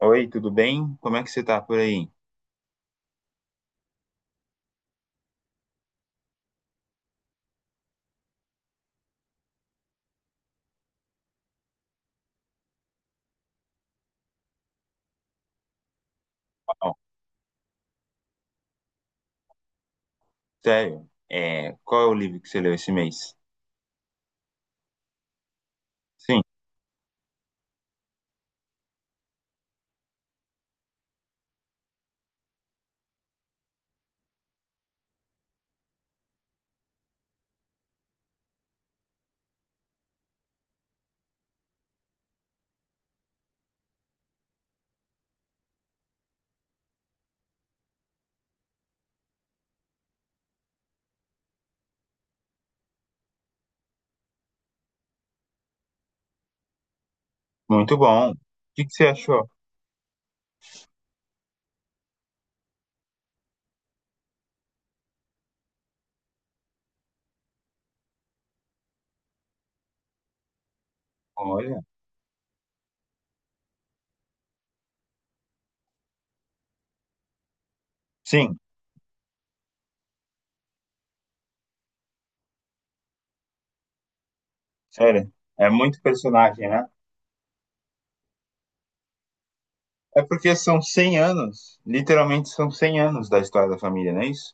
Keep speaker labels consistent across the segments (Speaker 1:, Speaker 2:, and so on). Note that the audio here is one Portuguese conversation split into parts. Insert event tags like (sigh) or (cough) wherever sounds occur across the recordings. Speaker 1: Oi, tudo bem? Como é que você tá por aí? Ó, sério, qual é o livro que você leu esse mês? Sim, muito bom. O que que você achou? Olha, sim, sério, é muito personagem, né? É porque são 100 anos, literalmente são 100 anos da história da família, não é isso?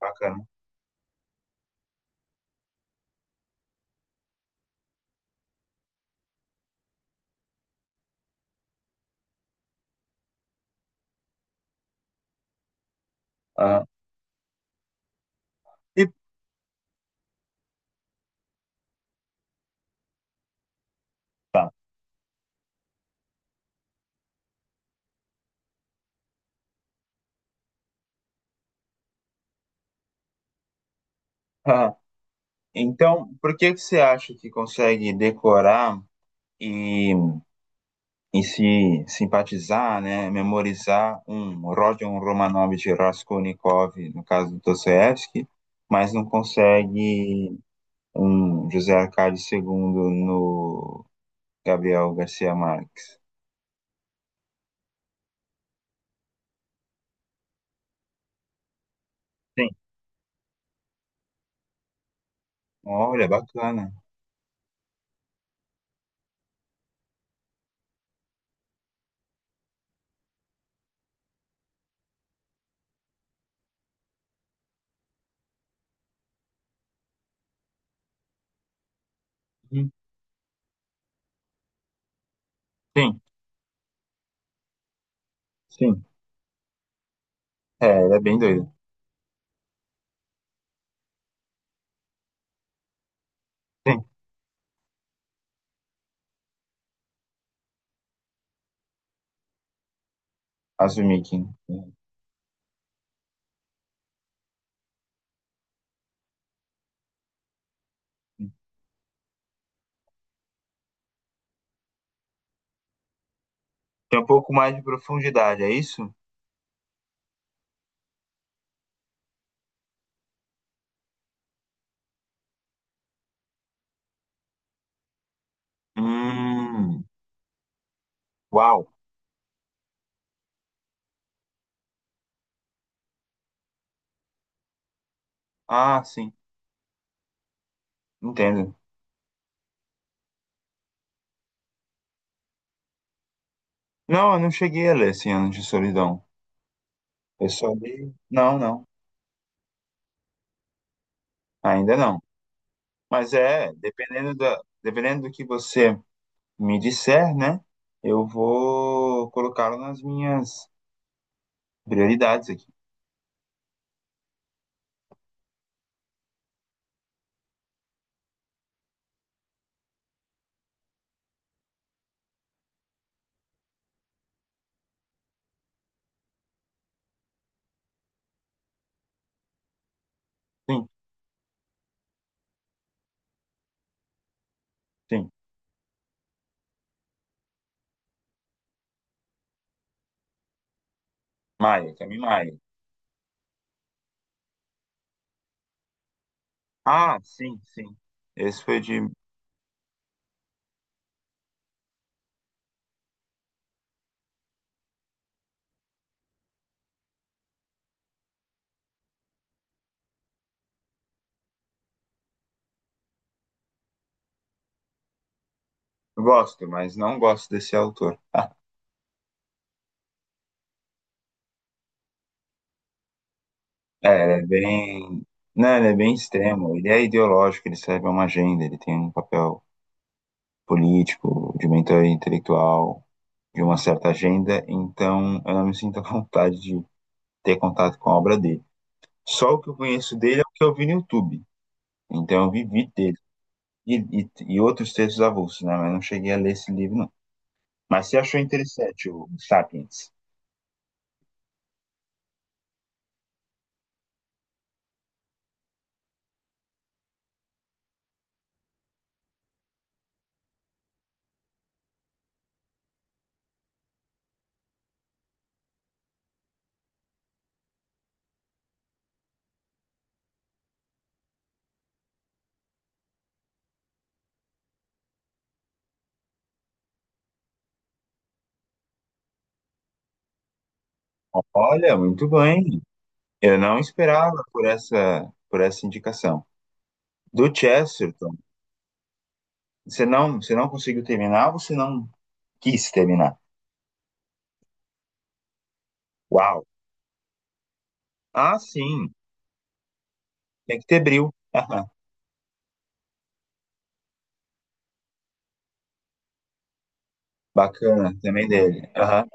Speaker 1: Bacana. Aham. E tá. Aham. Então, por que que você acha que consegue decorar e em se simpatizar, né, memorizar um Rodion Romanov de Raskolnikov, no caso do Dostoiévski, mas não consegue um José Arcade II no Gabriel Garcia Marques? Sim. Olha, bacana. Uhum. Sim, sim. É, ele é bem doido. Sim. Azumikin. Tem um pouco mais de profundidade, é isso? Hum, uau. Ah, sim, entendo. Não, eu não cheguei a ler Cem Anos de Solidão. Eu só li. Não, não, ainda não. Mas é, dependendo do que você me disser, né? Eu vou colocá-lo nas minhas prioridades aqui. Sim, sim. Maia, Cami Maia. Ah, sim, sim. Esse foi de. Gosto, mas não gosto desse autor. É, ele é bem. Não, ele é bem extremo. Ele é ideológico, ele serve a uma agenda, ele tem um papel político, de mentor intelectual, de uma certa agenda, então eu não me sinto à vontade de ter contato com a obra dele. Só o que eu conheço dele é o que eu vi no YouTube. Então eu vivi dele. E, e outros textos avulsos, né? Mas não cheguei a ler esse livro, não. Mas você achou interessante o Sapiens? Olha, muito bem. Eu não esperava por essa, indicação. Do Chesterton, você não conseguiu terminar ou você não quis terminar? Uau! Ah, sim, tem que ter bril. (laughs) Aham. Bacana, também dele. Aham.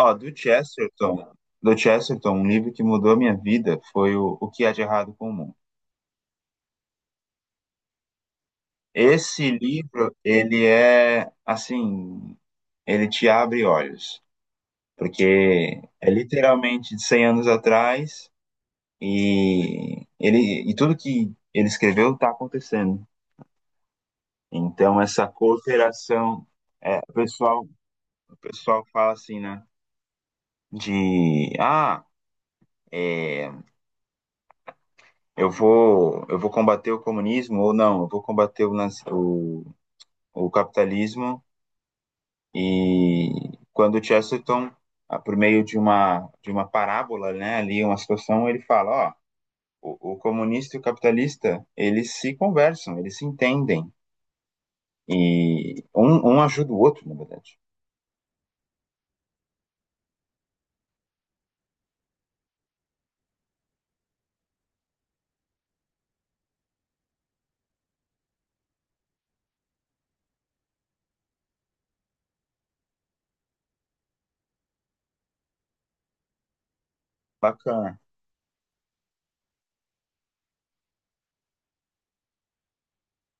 Speaker 1: Ó, do Chesterton, um livro que mudou a minha vida foi o que há de errado com o mundo. Esse livro, ele é assim, ele te abre olhos, porque é literalmente de 100 anos atrás e ele e tudo que ele escreveu está acontecendo. Então essa cooperação, o pessoal, fala assim, né? De ah, é, eu vou combater o comunismo ou não, eu vou combater o capitalismo. E quando o Chesterton, ah, por meio de uma parábola, né, ali, uma situação, ele fala, ó, o comunista e o capitalista, eles se conversam, eles se entendem. E um ajuda o outro, na verdade. Bacana.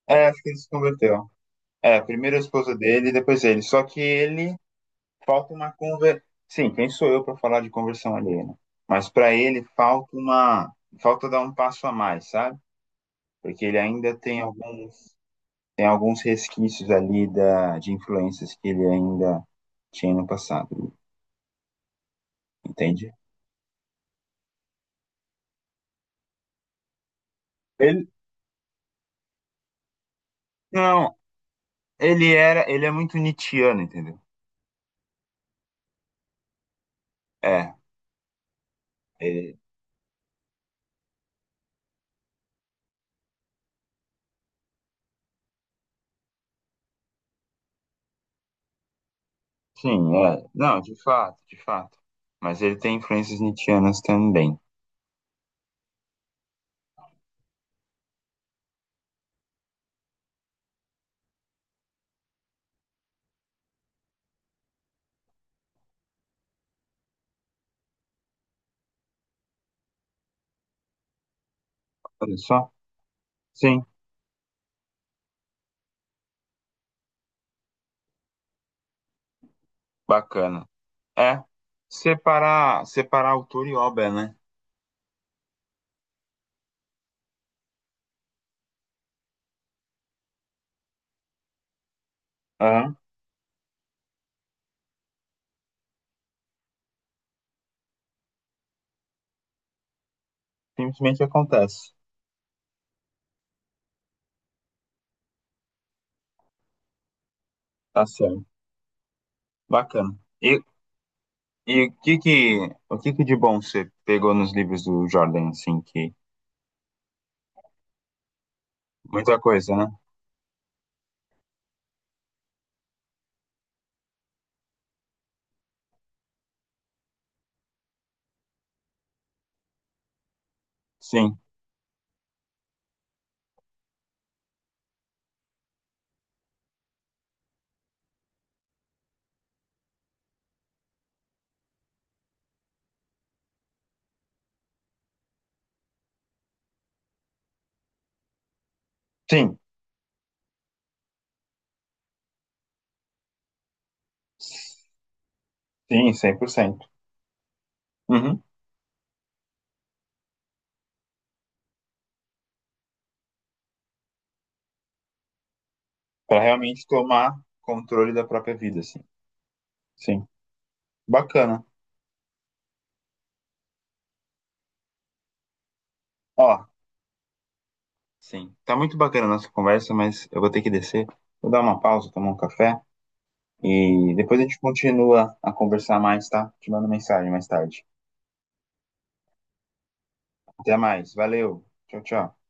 Speaker 1: É, acho que ele se converteu. É, primeiro a esposa dele, depois ele. Só que ele falta uma conver... Sim, quem sou eu para falar de conversão alheia, né? Mas para ele falta dar um passo a mais, sabe? Porque ele ainda tem alguns resquícios ali da de influências que ele ainda tinha no passado, entende? Ele não, ele é muito nietzschiano, entendeu? É, ele- sim, é. Não, de fato, de fato. Mas ele tem influências nietzschianas também. Olha só. Sim, bacana. É, separar, autor e obra, né? Aham, simplesmente acontece. Tá certo. Bacana. E o que que, de bom você pegou nos livros do Jordan, assim, que... Muita coisa, né? Sim. Sim. Sim, 100%. Uhum. Para realmente tomar controle da própria vida, assim. Sim. Bacana. Ó, sim. Tá muito bacana a nossa conversa, mas eu vou ter que descer. Vou dar uma pausa, tomar um café. E depois a gente continua a conversar mais, tá? Te mando mensagem mais tarde. Até mais. Valeu. Tchau, tchau.